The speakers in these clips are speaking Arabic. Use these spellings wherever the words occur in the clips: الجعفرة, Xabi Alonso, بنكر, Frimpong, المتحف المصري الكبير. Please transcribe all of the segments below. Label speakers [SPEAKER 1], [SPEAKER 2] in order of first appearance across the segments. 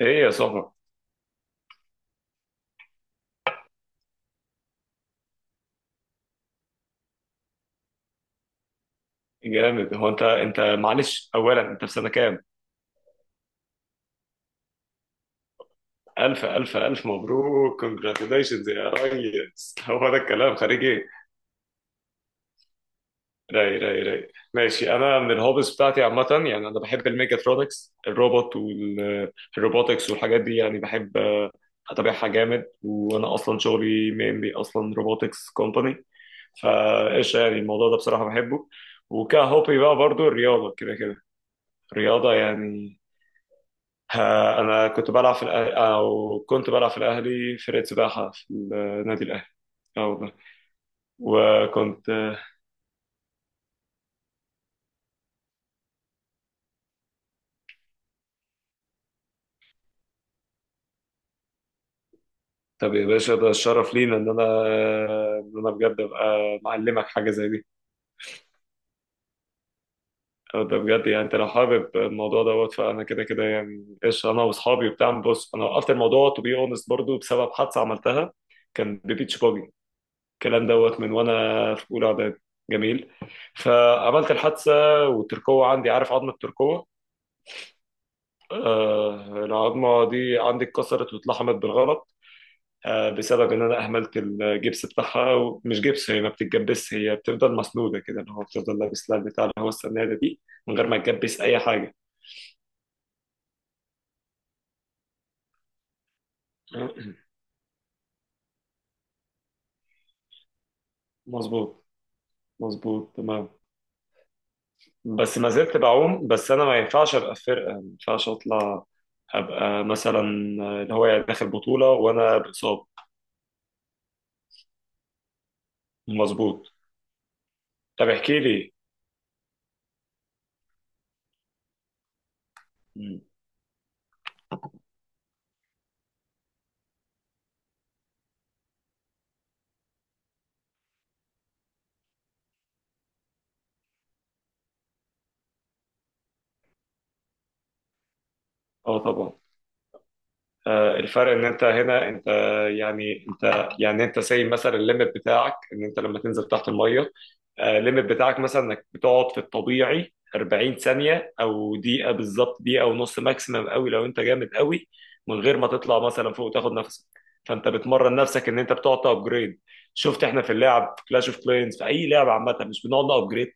[SPEAKER 1] ايه يا صاحبي. جامد. هو انت معلش، اولا انت في سنه كام؟ الف الف الف مبروك، كونجراتيليشنز يا ريس. هو ده الكلام، خارج ايه؟ راي راي راي، ماشي. انا من الهوبز بتاعتي عامه، يعني انا بحب الميكاترونكس، الروبوت والروبوتكس والحاجات دي، يعني بحب اتابعها جامد. وانا اصلا شغلي مينلي اصلا روبوتكس كومباني، فايش يعني الموضوع ده بصراحه بحبه. وكهوبي بقى برضو الرياضه كده كده. الرياضه يعني. ها، انا كنت بلعب في الأهلي، او كنت بلعب في الاهلي فرقه سباحه في النادي الاهلي. اه والله. وكنت. طب يا باشا، ده الشرف لينا ان انا بجد ابقى معلمك حاجه زي دي. أو ده بجد، يعني انت لو حابب الموضوع دوت فانا كده كده، يعني ايش انا واصحابي وبتاع. بص انا وقفت الموضوع تو بي اونست برضه بسبب حادثه عملتها. كان ببيتش باجي الكلام دوت من وانا في اولى اعدادي. جميل. فعملت الحادثه. والتركوه عندي، عارف، عظمه التركوه. العظمة دي عندي اتكسرت واتلحمت بالغلط. بسبب إن أنا أهملت الجبس بتاعها. ومش جبس، هي ما بتتجبسش، هي بتفضل مسنودة كده، اللي هو بتفضل لابس لها بتاع اللي هو السنادة دي. من غير ما تجبس أي حاجة. مظبوط. مظبوط تمام. بس ما زلت بعوم. بس أنا ما ينفعش أبقى في فرقة، ما ينفعش أطلع أبقى مثلا اللي هو يعني داخل بطولة وأنا بإصابة. مظبوط. طب احكي لي. مم. اه طبعا. الفرق ان انت هنا انت، يعني انت سايب مثلا الليمت بتاعك، ان انت لما تنزل تحت الميه. الليمت بتاعك مثلا انك بتقعد في الطبيعي 40 ثانيه، او دقيقه بالظبط، دقيقه ونص ماكسيمم قوي لو انت جامد قوي. من غير ما تطلع مثلا فوق تاخد نفسك. فانت بتمرن نفسك ان انت بتقعد تابجريد. شفت؟ احنا في اللعب في كلاش اوف كلينز، في اي لعبه عامه، مش بنقعد نابجريد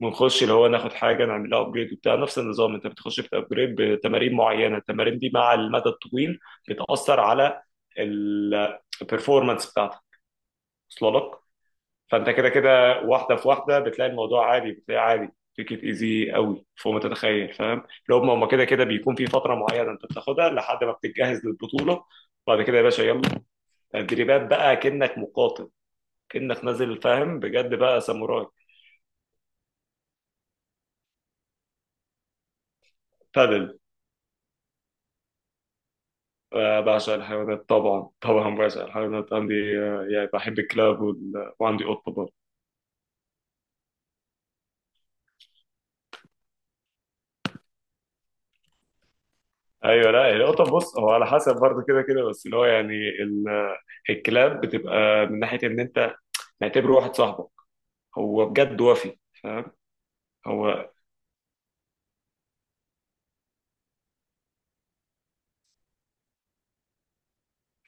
[SPEAKER 1] ونخش اللي هو ناخد حاجه نعمل لها ابجريد وبتاع. نفس النظام، انت بتخش بتابجريد بتمارين معينه، التمارين دي مع المدى الطويل بتاثر على البرفورمانس بتاعتك. وصل لك؟ فانت كده كده، واحده في واحده بتلاقي الموضوع عادي، بتلاقي عادي تيكت ايزي قوي فوق ما تتخيل، فاهم؟ لو هم كده كده بيكون في فتره معينه انت بتاخدها لحد ما بتتجهز للبطوله. بعد كده يا باشا، يلا تدريبات بقى كأنك مقاتل، كأنك نازل فاهم، بجد بقى ساموراي. بادل. بعشق الحيوانات، طبعا طبعا بعشق الحيوانات. عندي يعني بحب الكلاب وعندي قطة برضه. ايوه لا، القطة بص هو على حسب برضه كده كده، بس اللي هو يعني الكلاب بتبقى من ناحية ان انت معتبره واحد صاحبك، هو بجد وفي، فاهم. هو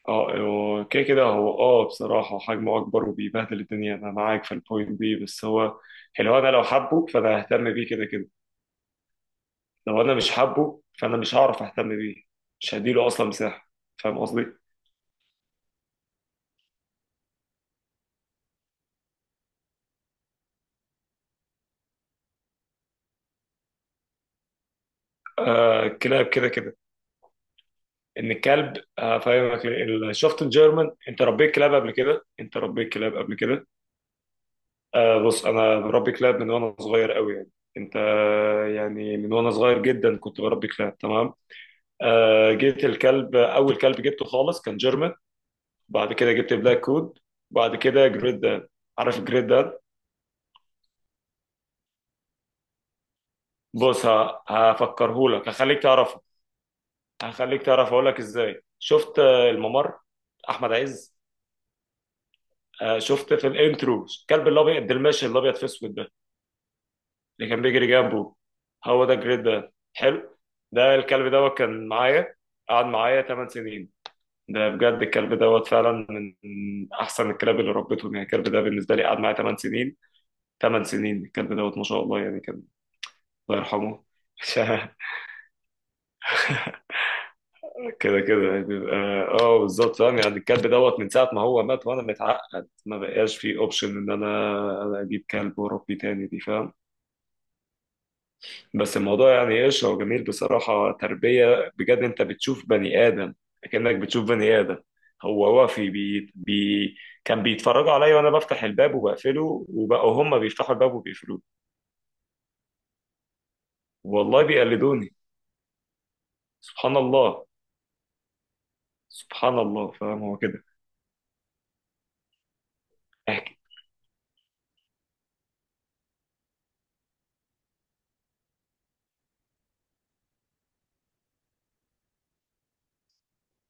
[SPEAKER 1] اه هو كده كده، هو بصراحة حجمه اكبر وبيبهدل الدنيا. انا معاك في البوينت دي، بس هو اللي هو انا لو حبه فانا ههتم بيه كده كده. لو انا مش حابه فانا مش هعرف اهتم بيه، مش هديله اصلا مساحة. فاهم قصدي؟ كلاب كده كده. ان الكلب، هفهمك ليه. الشفت الجيرمان، انت ربيت كلاب قبل كده؟ انت ربيت كلاب قبل كده؟ بص انا بربي كلاب من وانا صغير قوي، يعني انت يعني من وانا صغير جدا كنت بربي كلاب تمام. جيت الكلب، اول كلب جبته خالص كان جيرمان. بعد كده جبت بلاك كود. بعد كده جريت دان. عارف جريت دان؟ بص هفكرهولك، هخليك تعرفه. هخليك تعرف اقول لك ازاي. شفت الممر، احمد عز. شفت في الانترو الكلب الابيض الماشي الابيض في اسود ده، اللي كان بيجري جنبه، هو ده الجريت. ده حلو. ده الكلب دوت كان معايا، قعد معايا 8 سنين. ده بجد الكلب دوت فعلا من احسن الكلاب اللي ربيتهم، يعني الكلب ده بالنسبه لي قعد معايا 8 سنين. 8 سنين الكلب دوت، ما شاء الله، يعني كان. الله يرحمه. كده كده يعني بيبقى. اه بالظبط، فاهم. يعني الكلب دوت من ساعه ما هو مات وانا متعقد، ما بقاش فيه اوبشن ان انا اجيب كلب واربيه تاني دي، فاهم. بس الموضوع يعني ايش؟ هو جميل بصراحة، تربية بجد انت بتشوف بني آدم، كأنك بتشوف بني آدم. هو وافي بي بي كان بيتفرجوا عليا وانا بفتح الباب وبقفله، وبقوا هم بيفتحوا الباب وبيقفلوه. والله بيقلدوني. سبحان الله. سبحان الله، فاهم، هو كده. احكي.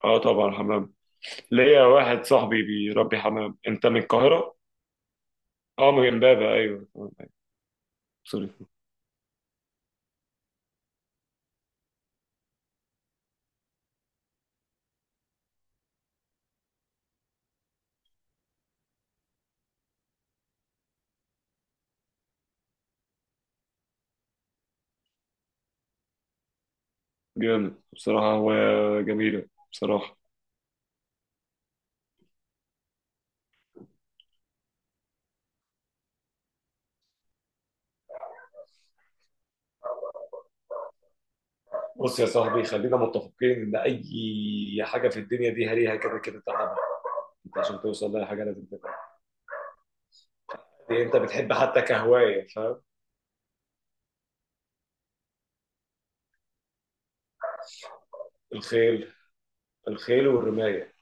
[SPEAKER 1] اه طبعا، حمام. ليا واحد صاحبي بيربي حمام. انت من القاهرة؟ اه من امبابة، ايوه أيوة. سوري. جامد بصراحة. هو جميلة بصراحة. بص يا صاحبي، خلينا متفقين ان اي حاجه في الدنيا دي هريها كده كده تعبها. انت عشان توصل لها حاجه لازم تتعب. دي انت بتحب حتى كهوايه، فاهم. الخيل. الخيل والرمايه.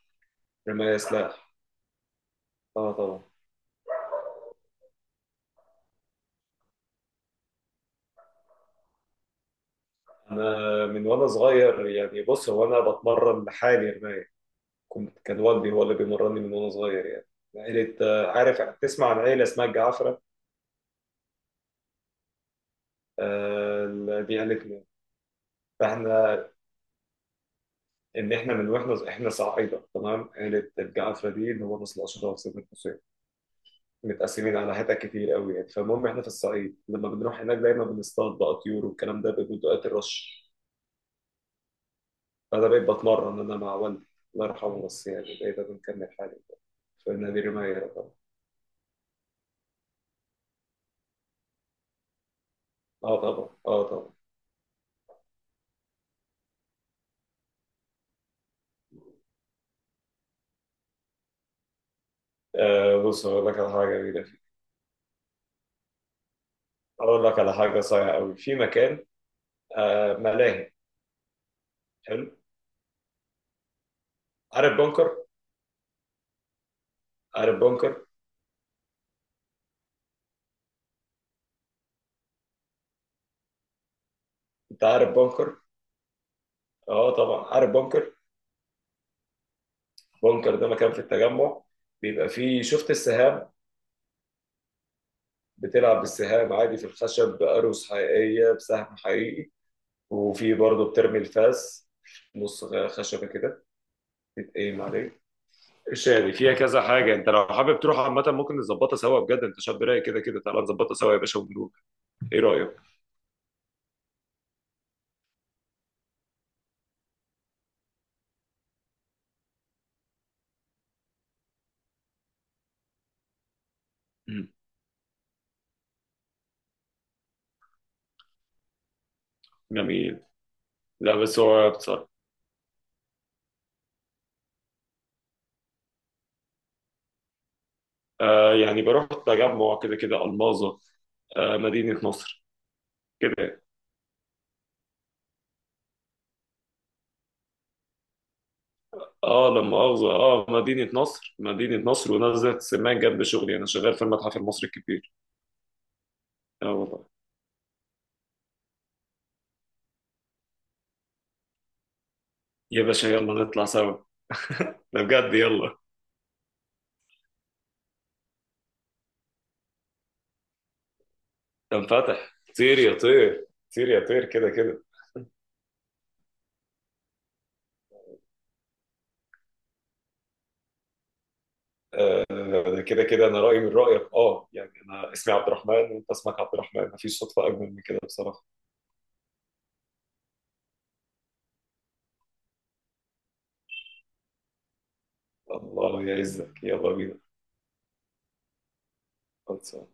[SPEAKER 1] رمايه سلاح. اه طبعا. انا من وانا صغير، يعني بص هو انا بتمرن لحالي رمايه، كان والدي هو اللي بيمرني من وانا صغير يعني. عيلة عارف، تسمع عن عيلة اسمها الجعفرة؟ دي عيلتنا. فاحنا ان احنا من واحنا صعايدة تمام، عيلة الجعفرة دي اللي هو نسل اشراف سيدنا الحسين. متقسمين على حتت كتير قوي يعني. فالمهم احنا في الصعيد لما بنروح هناك دايما بنصطاد بقى طيور والكلام ده، بيبقوا اوقات الرش. فانا بقيت بتمرن انا مع والدي، الله يرحمه، بس يعني بقيت بنكمل حالي في نادي رماية طبعا. اه طبعا، اه طبعا. بص هقول لك على حاجه جميله فيه. اقول لك على حاجه صايعه قوي في مكان. ملاهي. حلو. عارف بنكر؟ عارف بنكر؟ انت عارف بنكر؟ اه طبعا عارف بنكر. بنكر ده مكان في التجمع، بيبقى فيه، شفت السهام؟ بتلعب بالسهام عادي في الخشب بأروس حقيقية بسهم حقيقي. وفي برضه بترمي الفاس، نص خشبة كده تتقيم عليه. شادي فيها كذا حاجة، انت لو حابب تروح عامة ممكن نظبطها سوا، بجد انت شاب رايق كده كده، تعالى نظبطها سوا يا باشا ونروح. ايه رأيك؟ مم. جميل. لا بس هو بصراحة. يعني بروح تجمع كده كده ألماظة، مدينة نصر كده. اه لا مؤاخذة، اه مدينة نصر، مدينة نصر ونزلة سمان جنب شغلي، انا شغال في المتحف المصري الكبير. اه والله. يا باشا، يلا نطلع سوا. ده بجد، يلا. ده انفتح طير يا طير، طير يا طير كده كده. آه، ده كده كده انا رايي من رايك، اه يعني انا اسمي عبد الرحمن وانت اسمك عبد الرحمن، مفيش صدفه اجمل من كده بصراحه. الله يعزك، يلا بينا. خلصان.